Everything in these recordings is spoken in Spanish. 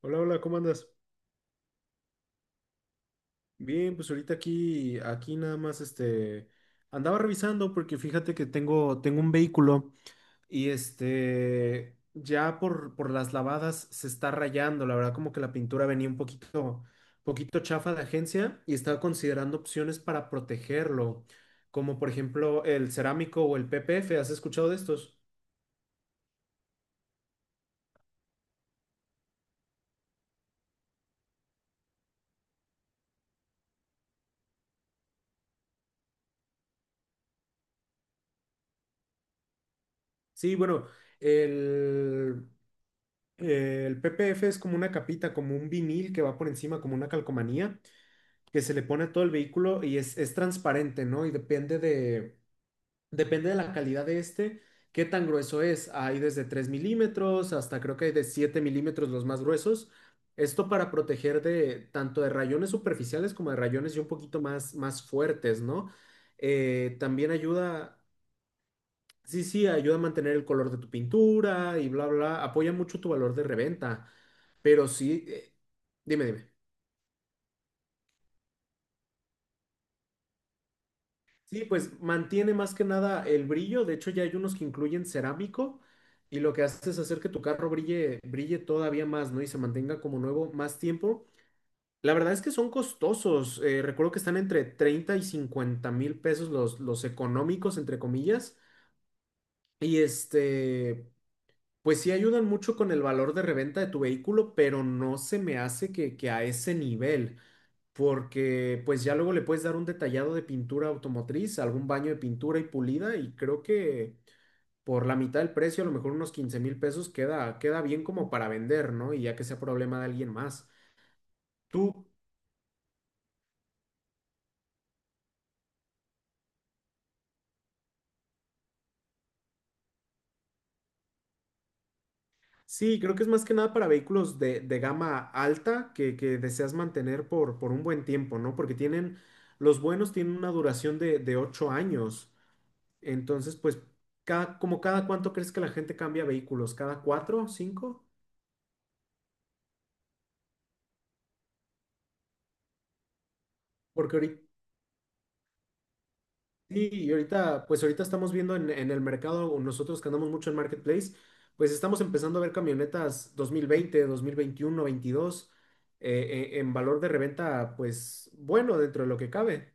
Hola, hola, ¿cómo andas? Bien, pues ahorita aquí nada más, andaba revisando porque fíjate que tengo un vehículo y ya por las lavadas se está rayando, la verdad como que la pintura venía un poquito chafa de agencia y estaba considerando opciones para protegerlo, como por ejemplo el cerámico o el PPF, ¿has escuchado de estos? Sí, bueno, el, el PPF es como una capita, como un vinil que va por encima, como una calcomanía, que se le pone a todo el vehículo y es transparente, ¿no? Y depende depende de la calidad de qué tan grueso es. Hay desde 3 milímetros hasta creo que hay de 7 milímetros los más gruesos. Esto para proteger de tanto de rayones superficiales como de rayones y un poquito más fuertes, ¿no? También ayuda. Sí, sí, ayuda a mantener el color de tu pintura y bla, bla, apoya mucho tu valor de reventa, pero sí, dime, dime. Sí, pues mantiene más que nada el brillo, de hecho ya hay unos que incluyen cerámico y lo que hace es hacer que tu carro brille, brille todavía más, ¿no? Y se mantenga como nuevo más tiempo. La verdad es que son costosos, recuerdo que están entre 30 y 50 mil pesos los económicos, entre comillas, y este... Pues sí ayudan mucho con el valor de reventa de tu vehículo, pero no se me hace que a ese nivel, porque pues ya luego le puedes dar un detallado de pintura automotriz, algún baño de pintura y pulida, y creo que por la mitad del precio, a lo mejor unos 15 mil pesos, queda, queda bien como para vender, ¿no? Y ya que sea problema de alguien más. Tú, sí, creo que es más que nada para vehículos de gama alta que deseas mantener por un buen tiempo, ¿no? Porque tienen, los buenos tienen una duración de 8 años. Entonces, pues, cada, como cada cuánto crees que la gente cambia vehículos, cada cuatro, cinco, porque ahorita, sí, y ahorita, pues ahorita estamos viendo en el mercado, o nosotros que andamos mucho en Marketplace, pues estamos empezando a ver camionetas 2020, 2021, 22, en valor de reventa, pues bueno, dentro de lo que cabe.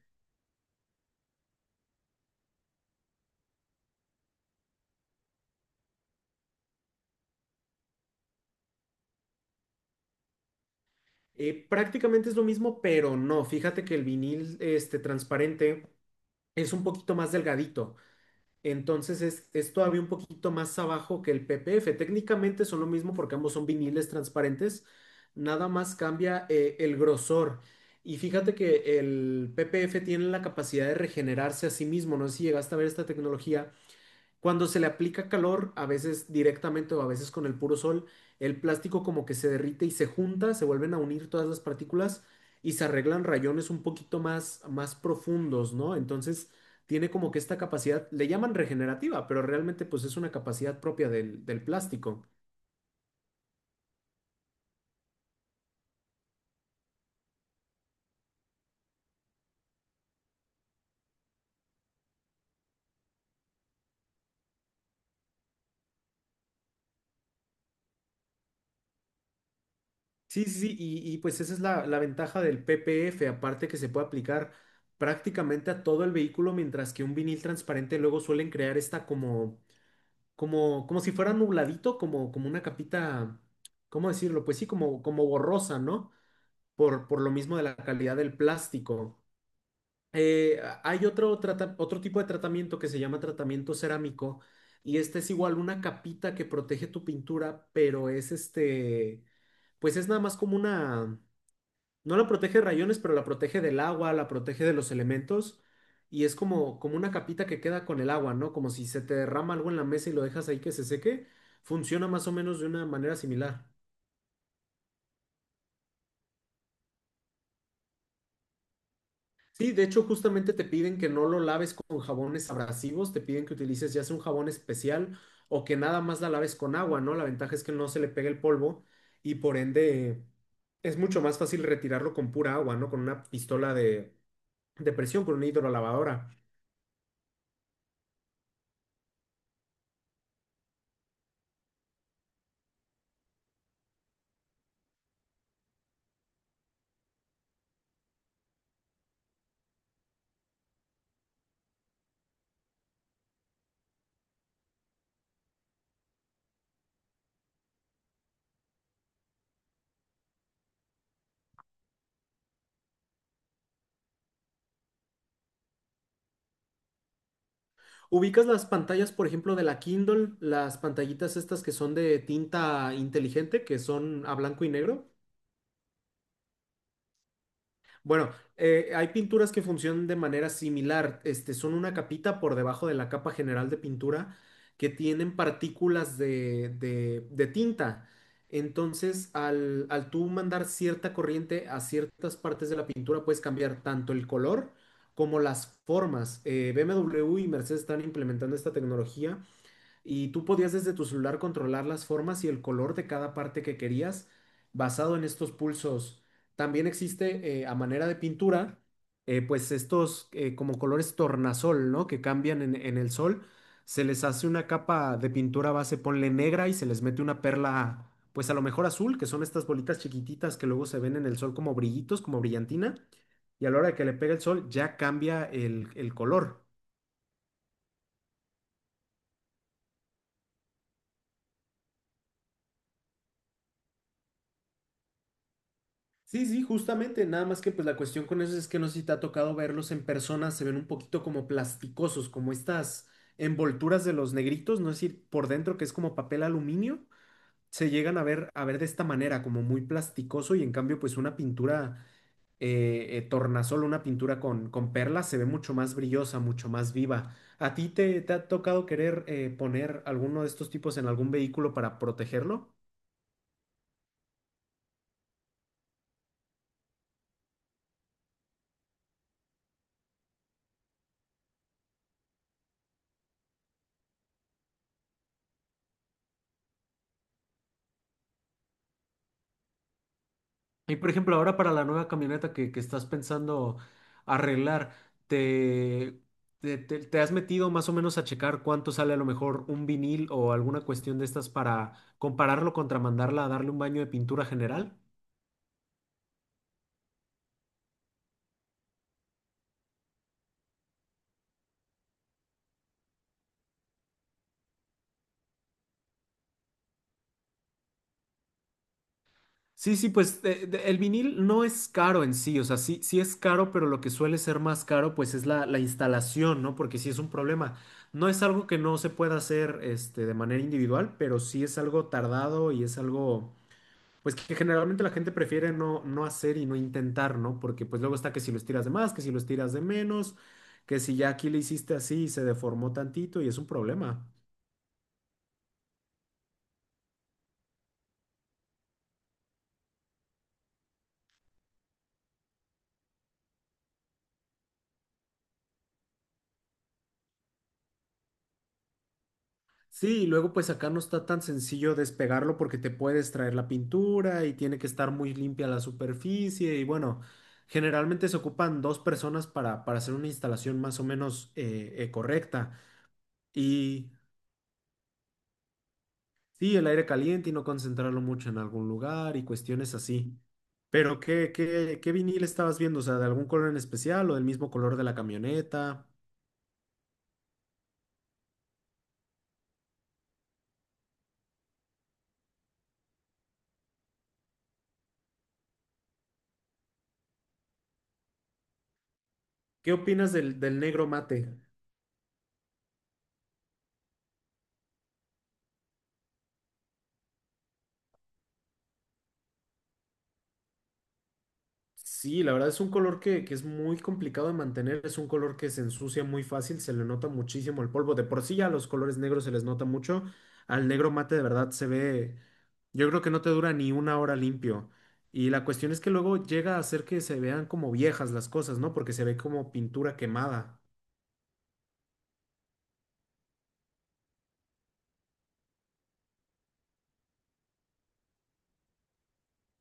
Prácticamente es lo mismo, pero no, fíjate que el vinil transparente es un poquito más delgadito. Entonces es todavía un poquito más abajo que el PPF. Técnicamente son lo mismo porque ambos son viniles transparentes. Nada más cambia el grosor. Y fíjate que el PPF tiene la capacidad de regenerarse a sí mismo. No sé si llegaste a ver esta tecnología cuando se le aplica calor, a veces directamente o a veces con el puro sol, el plástico como que se derrite y se junta, se vuelven a unir todas las partículas y se arreglan rayones un poquito más profundos, ¿no? Entonces tiene como que esta capacidad, le llaman regenerativa, pero realmente pues es una capacidad propia del plástico. Sí, sí, sí, pues esa es la ventaja del PPF, aparte que se puede aplicar prácticamente a todo el vehículo, mientras que un vinil transparente luego suelen crear esta como como, como si fuera nubladito, como, como una capita, ¿cómo decirlo? Pues sí, como, como borrosa, ¿no? Por lo mismo de la calidad del plástico. Hay otro tipo de tratamiento que se llama tratamiento cerámico y este es igual una capita que protege tu pintura, pero es este, pues es nada más como una... No la protege de rayones, pero la protege del agua, la protege de los elementos. Y es como, como una capita que queda con el agua, ¿no? Como si se te derrama algo en la mesa y lo dejas ahí que se seque. Funciona más o menos de una manera similar. Sí, de hecho, justamente te piden que no lo laves con jabones abrasivos, te piden que utilices ya sea un jabón especial o que nada más la laves con agua, ¿no? La ventaja es que no se le pega el polvo y por ende es mucho más fácil retirarlo con pura agua, ¿no? Con una pistola de presión, con una hidrolavadora. ¿Ubicas las pantallas, por ejemplo, de la Kindle, las pantallitas estas que son de tinta inteligente, que son a blanco y negro? Bueno, hay pinturas que funcionan de manera similar. Este, son una capita por debajo de la capa general de pintura que tienen partículas de tinta. Entonces, al tú mandar cierta corriente a ciertas partes de la pintura, puedes cambiar tanto el color como las formas. BMW y Mercedes están implementando esta tecnología y tú podías desde tu celular controlar las formas y el color de cada parte que querías basado en estos pulsos. También existe a manera de pintura, pues estos como colores tornasol, ¿no? Que cambian en el sol. Se les hace una capa de pintura base, ponle negra y se les mete una perla, pues a lo mejor azul, que son estas bolitas chiquititas que luego se ven en el sol como brillitos, como brillantina. Y a la hora de que le pega el sol ya cambia el color. Sí, sí, justamente, nada más que pues la cuestión con eso es que no sé si te ha tocado verlos en persona, se ven un poquito como plasticosos, como estas envolturas de los negritos, no es decir, por dentro que es como papel aluminio, se llegan a ver de esta manera, como muy plasticoso y en cambio pues una pintura tornasol, una pintura con perlas se ve mucho más brillosa, mucho más viva. ¿A ti te ha tocado querer poner alguno de estos tipos en algún vehículo para protegerlo? Y por ejemplo, ahora para la nueva camioneta que estás pensando arreglar, ¿te, te has metido más o menos a checar cuánto sale a lo mejor un vinil o alguna cuestión de estas para compararlo contra mandarla a darle un baño de pintura general? Sí, sí, pues el vinil no es caro en sí, o sea, sí, sí es caro, pero lo que suele ser más caro pues es la instalación, ¿no? Porque sí es un problema. No es algo que no se pueda hacer este, de manera individual, pero sí es algo tardado y es algo... Pues que generalmente la gente prefiere no hacer y no intentar, ¿no? Porque pues luego está que si los tiras de más, que si los tiras de menos, que si ya aquí le hiciste así y se deformó tantito y es un problema. Sí, y luego pues acá no está tan sencillo despegarlo porque te puedes traer la pintura y tiene que estar muy limpia la superficie y bueno, generalmente se ocupan dos personas para hacer una instalación más o menos correcta. Y sí, el aire caliente y no concentrarlo mucho en algún lugar y cuestiones así. Pero ¿ qué vinil estabas viendo? O sea, ¿de algún color en especial o del mismo color de la camioneta? ¿Qué opinas del negro mate? Sí, la verdad es un color que es muy complicado de mantener, es un color que se ensucia muy fácil, se le nota muchísimo el polvo. De por sí ya a los colores negros se les nota mucho, al negro mate de verdad se ve, yo creo que no te dura ni una hora limpio. Y la cuestión es que luego llega a hacer que se vean como viejas las cosas, ¿no? Porque se ve como pintura quemada.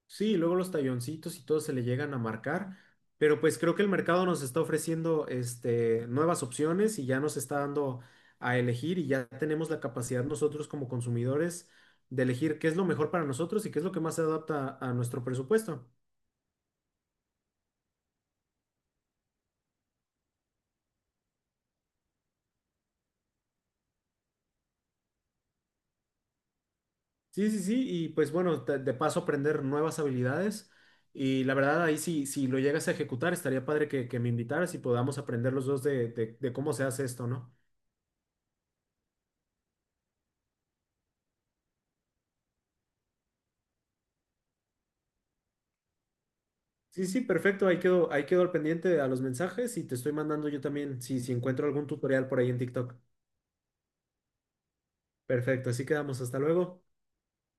Sí, luego los talloncitos y todo se le llegan a marcar, pero pues creo que el mercado nos está ofreciendo este, nuevas opciones y ya nos está dando a elegir y ya tenemos la capacidad nosotros como consumidores de elegir qué es lo mejor para nosotros y qué es lo que más se adapta a nuestro presupuesto. Sí, sí, sí, y pues bueno, te- de paso aprender nuevas habilidades y la verdad ahí sí, si lo llegas a ejecutar, estaría padre que me invitaras y podamos aprender los dos de de cómo se hace esto, ¿no? Sí, sí, perfecto. Ahí quedo al pendiente a los mensajes y te estoy mandando yo también si, si encuentro algún tutorial por ahí en TikTok. Perfecto, así quedamos. Hasta luego.